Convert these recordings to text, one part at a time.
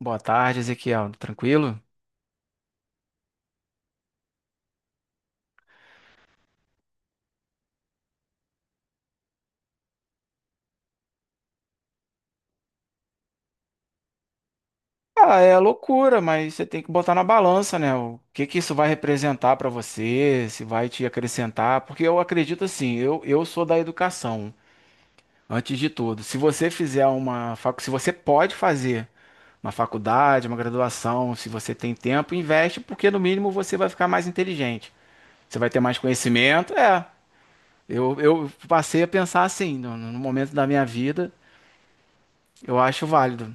Boa tarde, Ezequiel. Tranquilo? Ah, é loucura, mas você tem que botar na balança, né? O que que isso vai representar para você, se vai te acrescentar, porque eu acredito assim, eu sou da educação, antes de tudo. Se você fizer uma facu, Se você pode fazer uma faculdade, uma graduação, se você tem tempo, investe, porque no mínimo você vai ficar mais inteligente. Você vai ter mais conhecimento. Eu passei a pensar assim, no momento da minha vida, eu acho válido.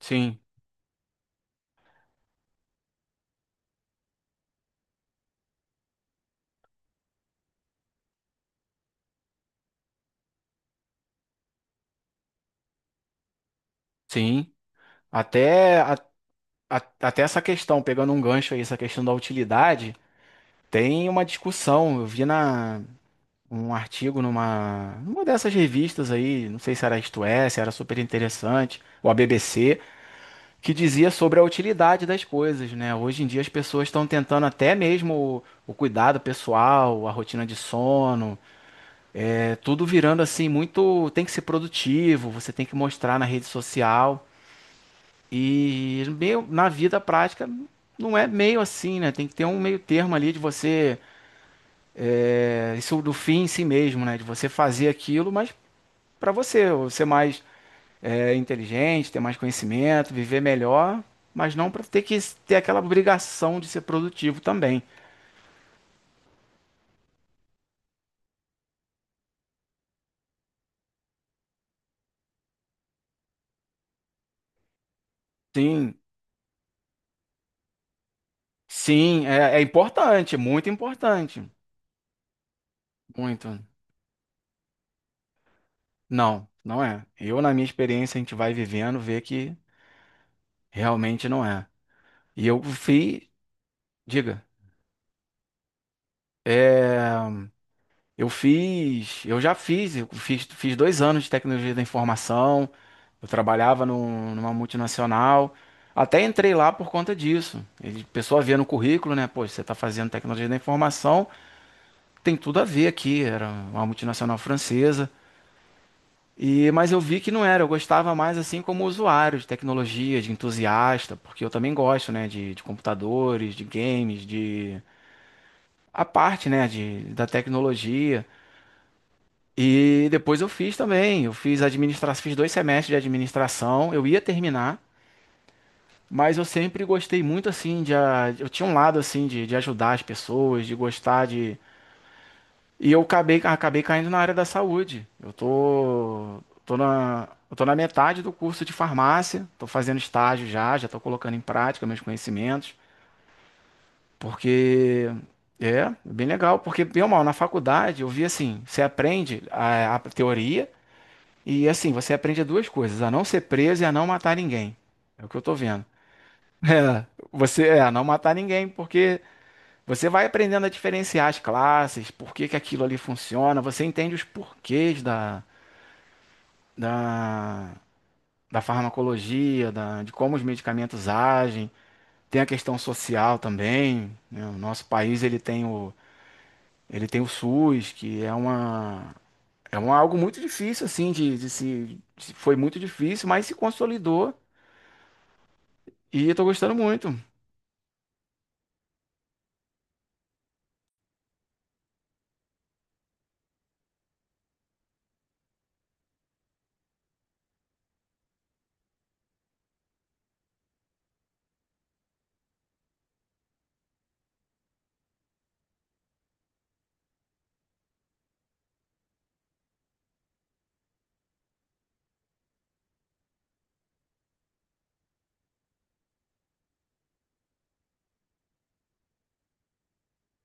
Sim, sim. Até, a- até essa questão, pegando um gancho aí, essa questão da utilidade, tem uma discussão. Um artigo numa dessas revistas aí, não sei se era Isto É, se era super interessante, ou a BBC, que dizia sobre a utilidade das coisas, né? Hoje em dia as pessoas estão tentando até mesmo o cuidado pessoal, a rotina de sono, é tudo virando assim muito. Tem que ser produtivo, você tem que mostrar na rede social. E meio, na vida prática não é meio assim, né? Tem que ter um meio termo ali de você. Isso do fim em si mesmo, né? De você fazer aquilo, mas para você, ou ser mais inteligente, ter mais conhecimento, viver melhor, mas não para ter que ter aquela obrigação de ser produtivo também. Sim, sim, é importante, muito importante. Muito. Não, não é. Eu, na minha experiência, a gente vai vivendo, vê que realmente não é. E eu fui. Diga. É, eu fiz, eu já fiz, eu fiz, fiz 2 anos de tecnologia da informação. Eu trabalhava numa multinacional. Até entrei lá por conta disso. Ele, a pessoa via no currículo, né? Pô, você está fazendo tecnologia da informação, tem tudo a ver aqui. Era uma multinacional francesa. E, mas eu vi que não era. Eu gostava mais assim como usuário de tecnologia, de entusiasta, porque eu também gosto, né? De computadores, de games, de a parte, né? Da tecnologia. E depois eu fiz também. Eu fiz administração, fiz 2 semestres de administração. Eu ia terminar, mas eu sempre gostei muito assim eu tinha um lado assim de ajudar as pessoas, de gostar de e eu acabei caindo na área da saúde. Eu tô na metade do curso de farmácia. Tô fazendo estágio já, já tô colocando em prática meus conhecimentos, porque é bem legal, porque bem ou mal na faculdade eu vi assim, você aprende a teoria. E assim, você aprende duas coisas: a não ser preso e a não matar ninguém. É o que eu tô vendo. É, você é a não matar ninguém, porque você vai aprendendo a diferenciar as classes, por que que aquilo ali funciona, você entende os porquês da, da farmacologia, da, de como os medicamentos agem. Tem a questão social também, né? O nosso país ele tem o SUS, que é uma, é um, algo muito difícil assim de se, se- foi muito difícil, mas se consolidou. E eu tô gostando muito.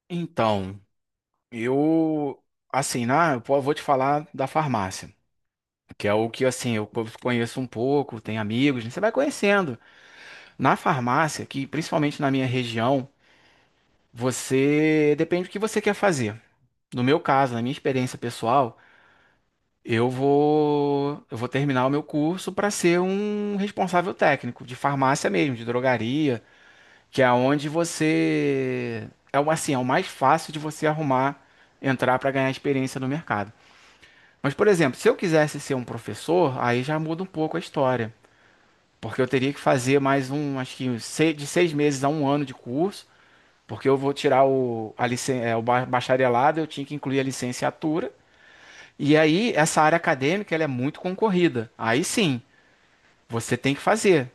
Então, eu, assim, né, vou te falar da farmácia, que é o que, assim, conheço um pouco, tenho amigos, né, você vai conhecendo. Na farmácia, que principalmente na minha região, você depende do que você quer fazer. No meu caso, na minha experiência pessoal, eu vou terminar o meu curso para ser um responsável técnico de farmácia mesmo, de drogaria. Que é onde você. É assim, é o mais fácil de você arrumar, entrar para ganhar experiência no mercado. Mas, por exemplo, se eu quisesse ser um professor, aí já muda um pouco a história. Porque eu teria que fazer mais um, acho que uns de 6 meses a um ano de curso, porque eu vou tirar o, a bacharelado, eu tinha que incluir a licenciatura. E aí, essa área acadêmica, ela é muito concorrida. Aí sim, você tem que fazer.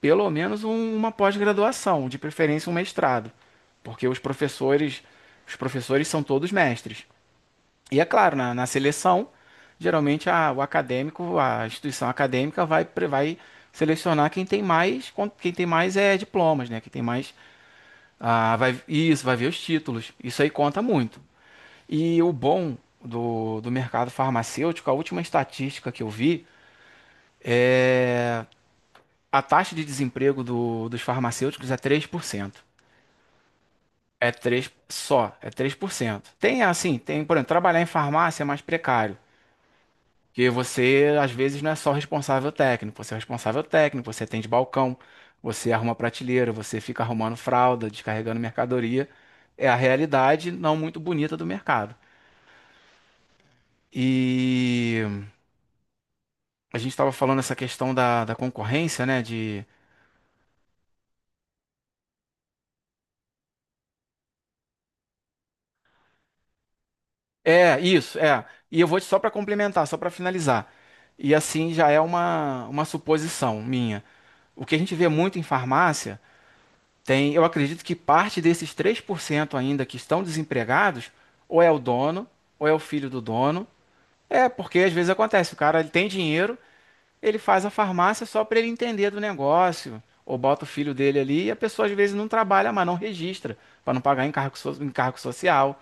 Pelo menos uma pós-graduação, de preferência um mestrado, porque os professores são todos mestres. E é claro, na seleção, geralmente o acadêmico, a instituição acadêmica vai, vai selecionar quem tem mais, quem tem mais é diplomas, né? Quem tem mais, ah, vai, isso, vai ver os títulos. Isso aí conta muito. E o bom do mercado farmacêutico, a última estatística que eu vi, é, a taxa de desemprego dos farmacêuticos é 3%. É 3 só, é 3%. Tem assim, tem, por exemplo, trabalhar em farmácia é mais precário, porque você às vezes não é só responsável técnico, você é responsável técnico, você atende balcão, você arruma prateleira, você fica arrumando fralda, descarregando mercadoria. É a realidade não muito bonita do mercado. E a gente estava falando essa questão da concorrência, né? De... É, isso, é. E eu vou só para complementar, só para finalizar. E assim já é uma suposição minha. O que a gente vê muito em farmácia tem, eu acredito que parte desses 3% ainda que estão desempregados, ou é o dono, ou é o filho do dono. É, porque às vezes acontece, o cara ele tem dinheiro, ele faz a farmácia só para ele entender do negócio, ou bota o filho dele ali e a pessoa às vezes não trabalha, mas não registra, para não pagar encargo, encargo social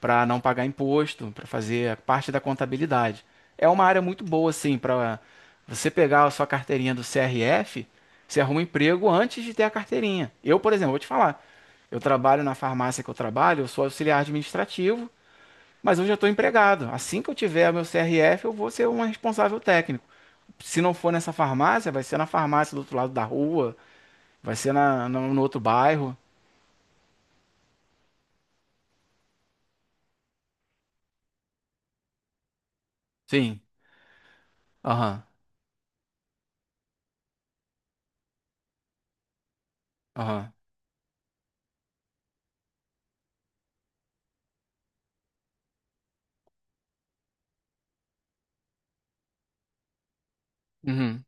para não pagar imposto, para fazer parte da contabilidade. É uma área muito boa, assim, para você pegar a sua carteirinha do CRF, você arruma um emprego antes de ter a carteirinha. Eu, por exemplo, vou te falar, eu trabalho na farmácia que eu trabalho, eu sou auxiliar administrativo, mas eu já estou empregado. Assim que eu tiver meu CRF, eu vou ser um responsável técnico. Se não for nessa farmácia, vai ser na farmácia do outro lado da rua, vai ser na, no, no outro bairro. Sim, aham, aham. Uhum.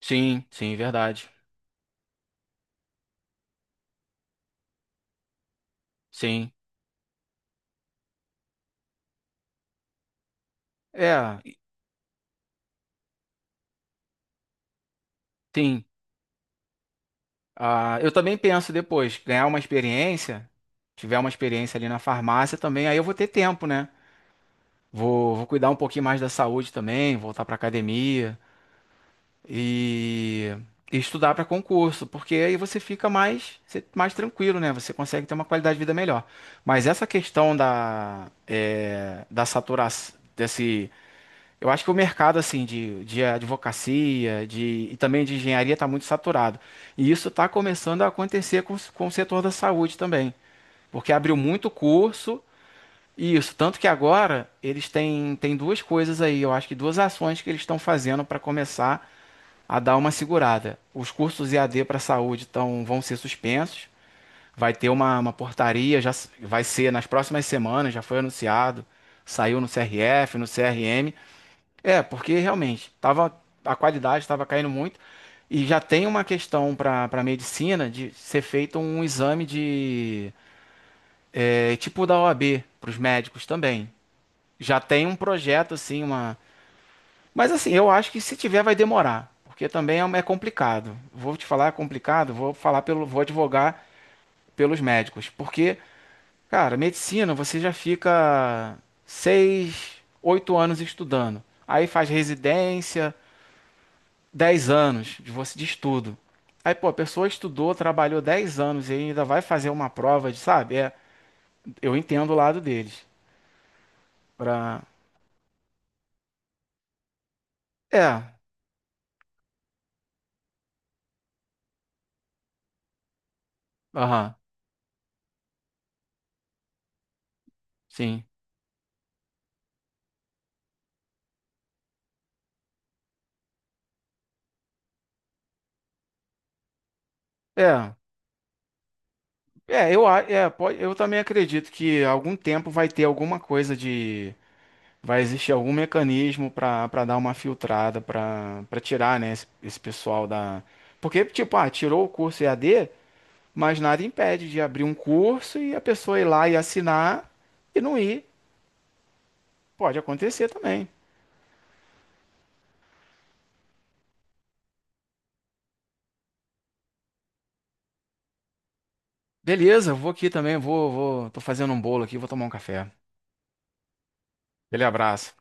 Sim, sim, verdade. Sim. É, tem. Ah, eu também penso depois, ganhar uma experiência, tiver uma experiência ali na farmácia também, aí eu vou ter tempo, né? Vou cuidar um pouquinho mais da saúde também, voltar pra academia e, e estudar para concurso, porque aí você fica mais, mais tranquilo, né? Você consegue ter uma qualidade de vida melhor. Mas essa questão da saturação, eu acho que o mercado assim de advocacia, de e também de engenharia está muito saturado. E isso está começando a acontecer com, com o setor da saúde também, porque abriu muito curso e isso, tanto que agora eles têm duas coisas aí, eu acho que duas ações que eles estão fazendo para começar a dar uma segurada. Os cursos EAD para saúde tão, vão ser suspensos, vai ter uma portaria, vai ser nas próximas semanas, já foi anunciado, saiu no CRF, no CRM, porque realmente tava, a qualidade estava caindo muito e já tem uma questão para medicina de ser feito um exame tipo da OAB para os médicos também. Já tem um projeto assim, uma. Mas assim, eu acho que se tiver vai demorar, porque também é complicado. Vou te falar, é complicado. Vou falar pelo, vou advogar pelos médicos, porque cara, medicina você já fica 6, 8 anos estudando, aí faz residência 10 anos de você de estudo. Aí, pô, a pessoa estudou, trabalhou 10 anos e ainda vai fazer uma prova de, sabe? É, eu entendo o lado deles. Pra... É, aham, sim. É, eu, a- é, pode, eu também acredito que algum tempo vai ter alguma coisa de. Vai existir algum mecanismo para dar uma filtrada, para tirar, né, esse pessoal da. Porque, tipo, ah, tirou o curso e a d mas nada impede de abrir um curso e a pessoa ir lá e assinar e não ir. Pode acontecer também. Beleza, eu vou aqui também, tô fazendo um bolo aqui, vou tomar um café. Aquele abraço.